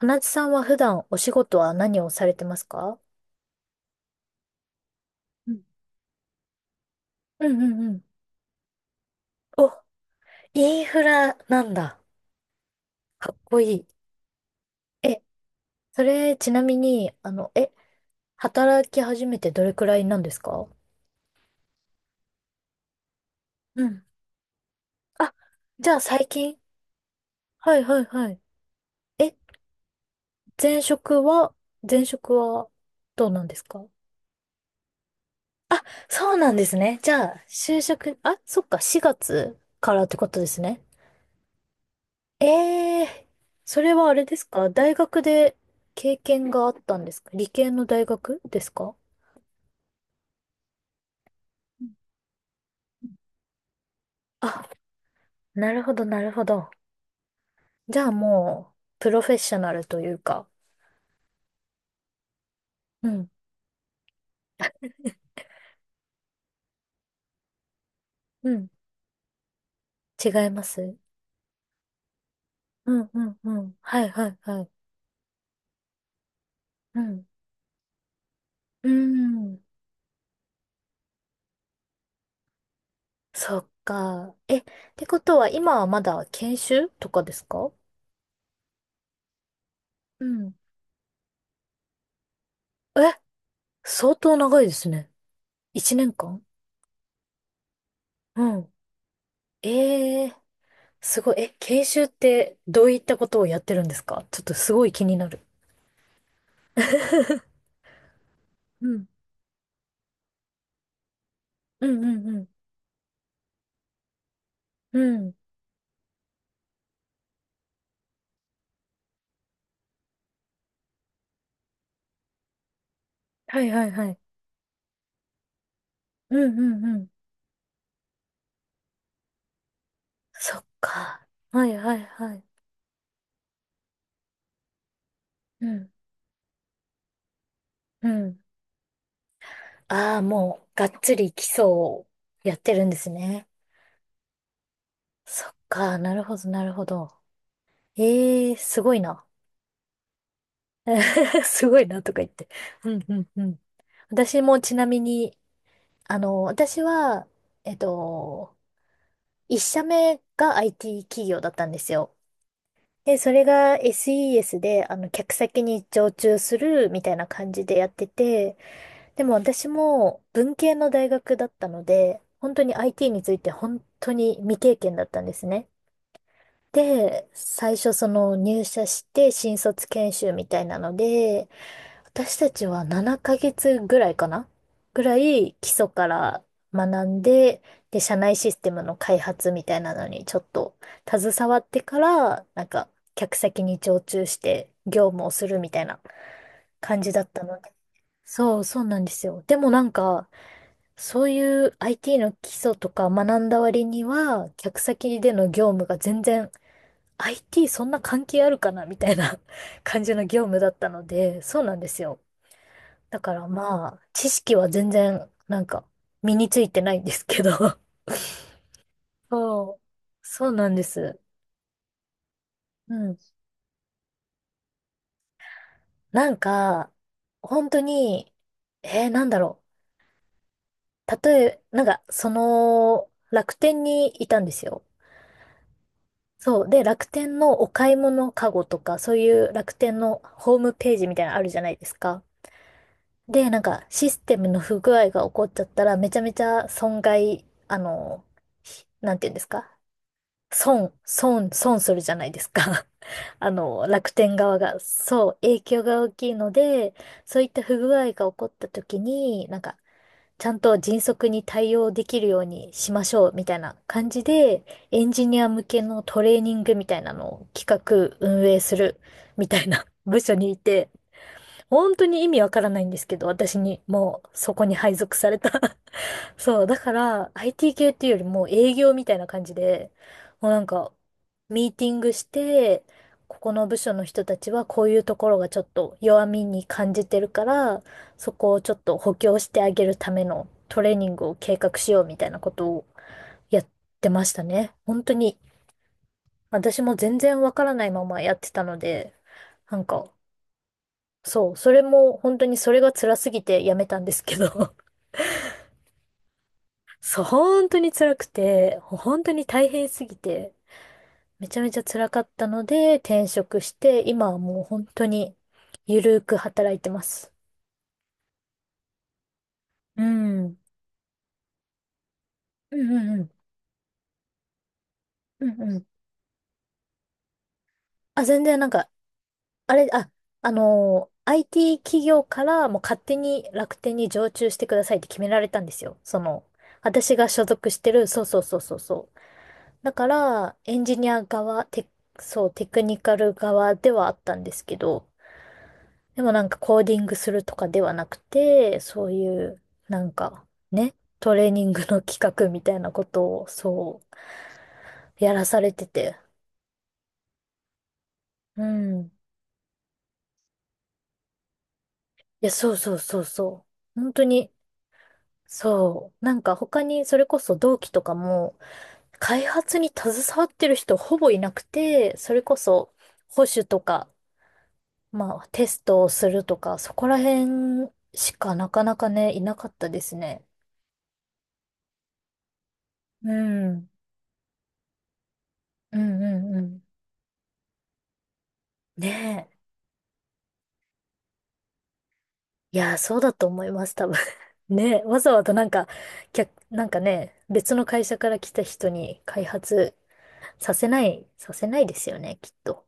花地さんは普段お仕事は何をされてますか？うんうん。お、インフラなんだ。かっこいい。え、それちなみに、働き始めてどれくらいなんですか？うん。あ、じゃあ最近、はいはいはい。え、前職は、前職はどうなんですか？そうなんですね。じゃあ、就職、あ、そっか、4月からってことですね。ええ、それはあれですか？大学で経験があったんですか？理系の大学ですか？うんうん、あ、なるほど、なるほど。じゃあもう、プロフェッショナルというか。うん、うん。違います？うん、うん、うん。はい、はい、はい。うん。うーん。そっか。てことは今はまだ研修とかですか？うん。え、相当長いですね。一年間。うん。ええ、すごい。え、研修ってどういったことをやってるんですか？ちょっとすごい気になる。うん。うんうんうん。うん。はいはいはい。うんうんうん。そっか。はいはいはい。うん。うん。ああ、もう、がっつり基礎をやってるんですね。そっか。なるほどなるほど。ええー、すごいな。すごいなとか言って。うんうんうん。私もちなみに、私は、えっと、一社目が IT 企業だったんですよ。で、それが SES で、客先に常駐するみたいな感じでやってて、でも私も文系の大学だったので、本当に IT について本当に未経験だったんですね。で、最初その入社して新卒研修みたいなので、私たちは7ヶ月ぐらいかな、ぐらい基礎から学んで、で、社内システムの開発みたいなのにちょっと携わってから、客先に常駐して業務をするみたいな感じだったので。そう、そうなんですよ。でもなんか、そういう IT の基礎とか学んだ割には、客先での業務が全然 IT そんな関係あるかなみたいな 感じの業務だったので、そうなんですよ。だからまあ、知識は全然、身についてないんですけど。そう。そうなんです。うん。なんか、本当に、えー、なんだろう。例え、なんか、その、楽天にいたんですよ。そう。で、楽天のお買い物カゴとか、そういう楽天のホームページみたいなのあるじゃないですか。で、なんか、システムの不具合が起こっちゃったら、めちゃめちゃ損害、あの、ひなんていうんですか損、損するじゃないですか。あの、楽天側が。そう、影響が大きいので、そういった不具合が起こった時に、ちゃんと迅速に対応できるようにしましょう、みたいな感じで、エンジニア向けのトレーニングみたいなのを企画、運営する、みたいな 部署にいて、本当に意味わからないんですけど、私にもうそこに配属された。そう、だから IT 系っていうよりも営業みたいな感じで、もうなんか、ミーティングして、ここの部署の人たちはこういうところがちょっと弱みに感じてるから、そこをちょっと補強してあげるためのトレーニングを計画しようみたいなことをやってましたね。本当に、私も全然わからないままやってたので、なんか、そう、それも本当にそれが辛すぎてやめたんですけど。そう、本当に辛くて、本当に大変すぎて、めちゃめちゃ辛かったので、転職して、今はもう本当に、ゆるーく働いてます。うん。うんうんうん。うんうん。あ、全然なんか、あれ、あ、あのー IT 企業からもう勝手に楽天に常駐してくださいって決められたんですよ。その、私が所属してる、そうそうそうそうそう。だから、エンジニア側、テ、そう、テクニカル側ではあったんですけど、でもなんかコーディングするとかではなくて、そういう、なんかね、トレーニングの企画みたいなことをそうやらされてて。うん。いや、そうそうそうそう。本当に、そう。なんか他にそれこそ同期とかも開発に携わってる人ほぼいなくて、それこそ保守とか、まあテストをするとか、そこら辺しかなかなかね、いなかったですね。うん。うんうんうん。ねえ。いやー、そうだと思います、多分。ね、わざわざなんか、客、なんかね、別の会社から来た人に開発させないですよね、きっと。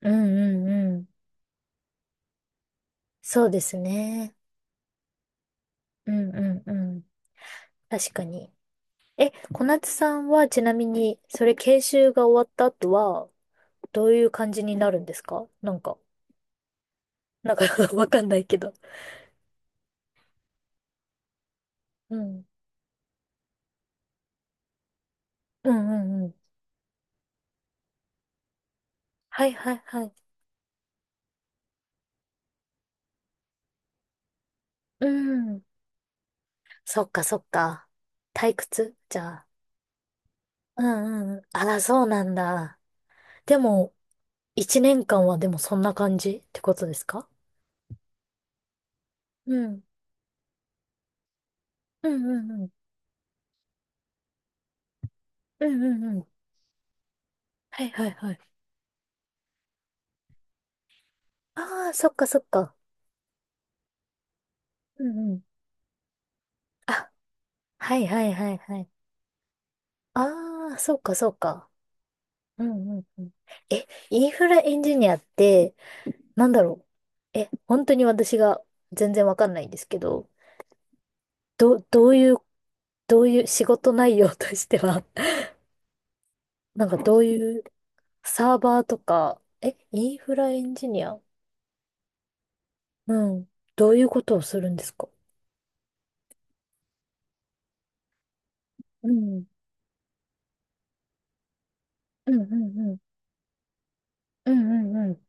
うんうんうん。そうですね。うんうんうん。確かに。え、小夏さんはちなみに、それ研修が終わった後は、どういう感じになるんですか？なんか、なんか わかんないけど。うん。うんうんうん。はいはいはい。うん。そっかそっか。退屈じゃあ。うんうん。あら、そうなんだ。でも、一年間はでもそんな感じってことですか？うん。うんうんうん。うんうんうん。はいはいはい。ああ、そっかそっか。うんうん。あ、はいはいはいはい。ああ、そっかそっか。うんうんうん。え、インフラエンジニアって、なんだろう。え、本当に私が全然わかんないんですけど、どういう、どういう仕事内容としては、なんかどういう、サーバーとか、え、インフラエンジニア、うん。どういうことをするんですか？うん。うんうんうん。うんうんうん。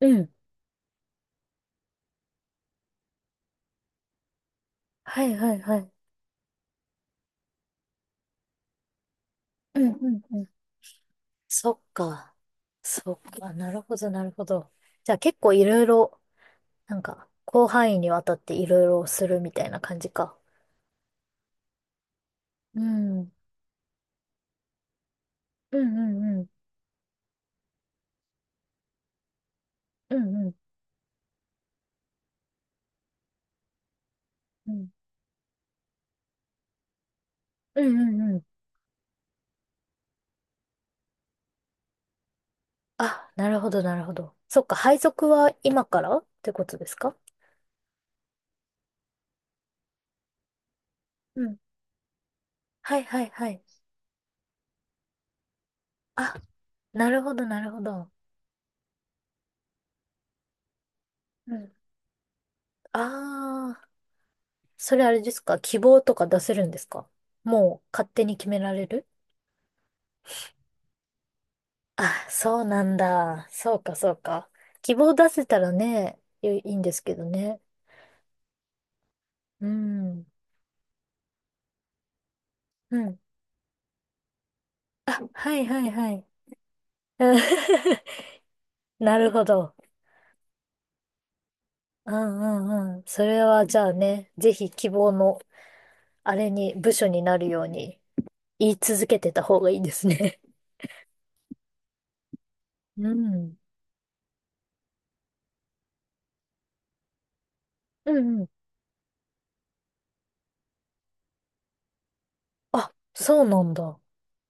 うん。はいはいはい。うんうんうん。そっか。そっか。なるほどなるほど。じゃあ結構いろいろ、なんか、広範囲にわたっていろいろするみたいな感じか。うん。うんうんうん。うんうんうん。うんうんうん。あ、なるほどなるほど。そっか。配属は今からってことですか？うん。はいはいはい。あ、なるほど、なるほど。うん。ああ、それあれですか？希望とか出せるんですか？もう勝手に決められる？あ、そうなんだ。そうか、そうか。希望出せたらね、いいいんですけどね。うん。うん。あ、はいはいはい。うん なるほど。うんうんうん。それはじゃあね、ぜひ希望の、あれに、部署になるように言い続けてた方がいいですね。うん。うんうん、あ、そうなんだ。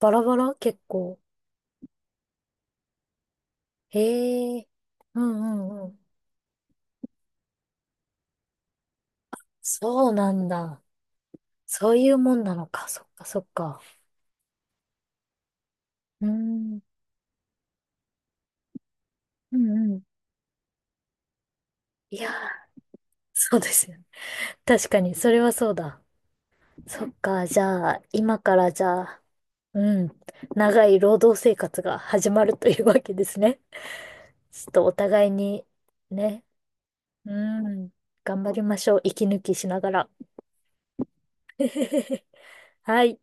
バラバラ結構。へえ。うんうんうん。そうなんだ。そういうもんなのか。そっかそっか。うーん。うんうん。いやー、そうですよね。確かに、それはそうだ。そっか、じゃあ、今からじゃあ、うん、長い労働生活が始まるというわけですね。ちょっとお互いに、ね、うん、頑張りましょう。息抜きしながら。はい。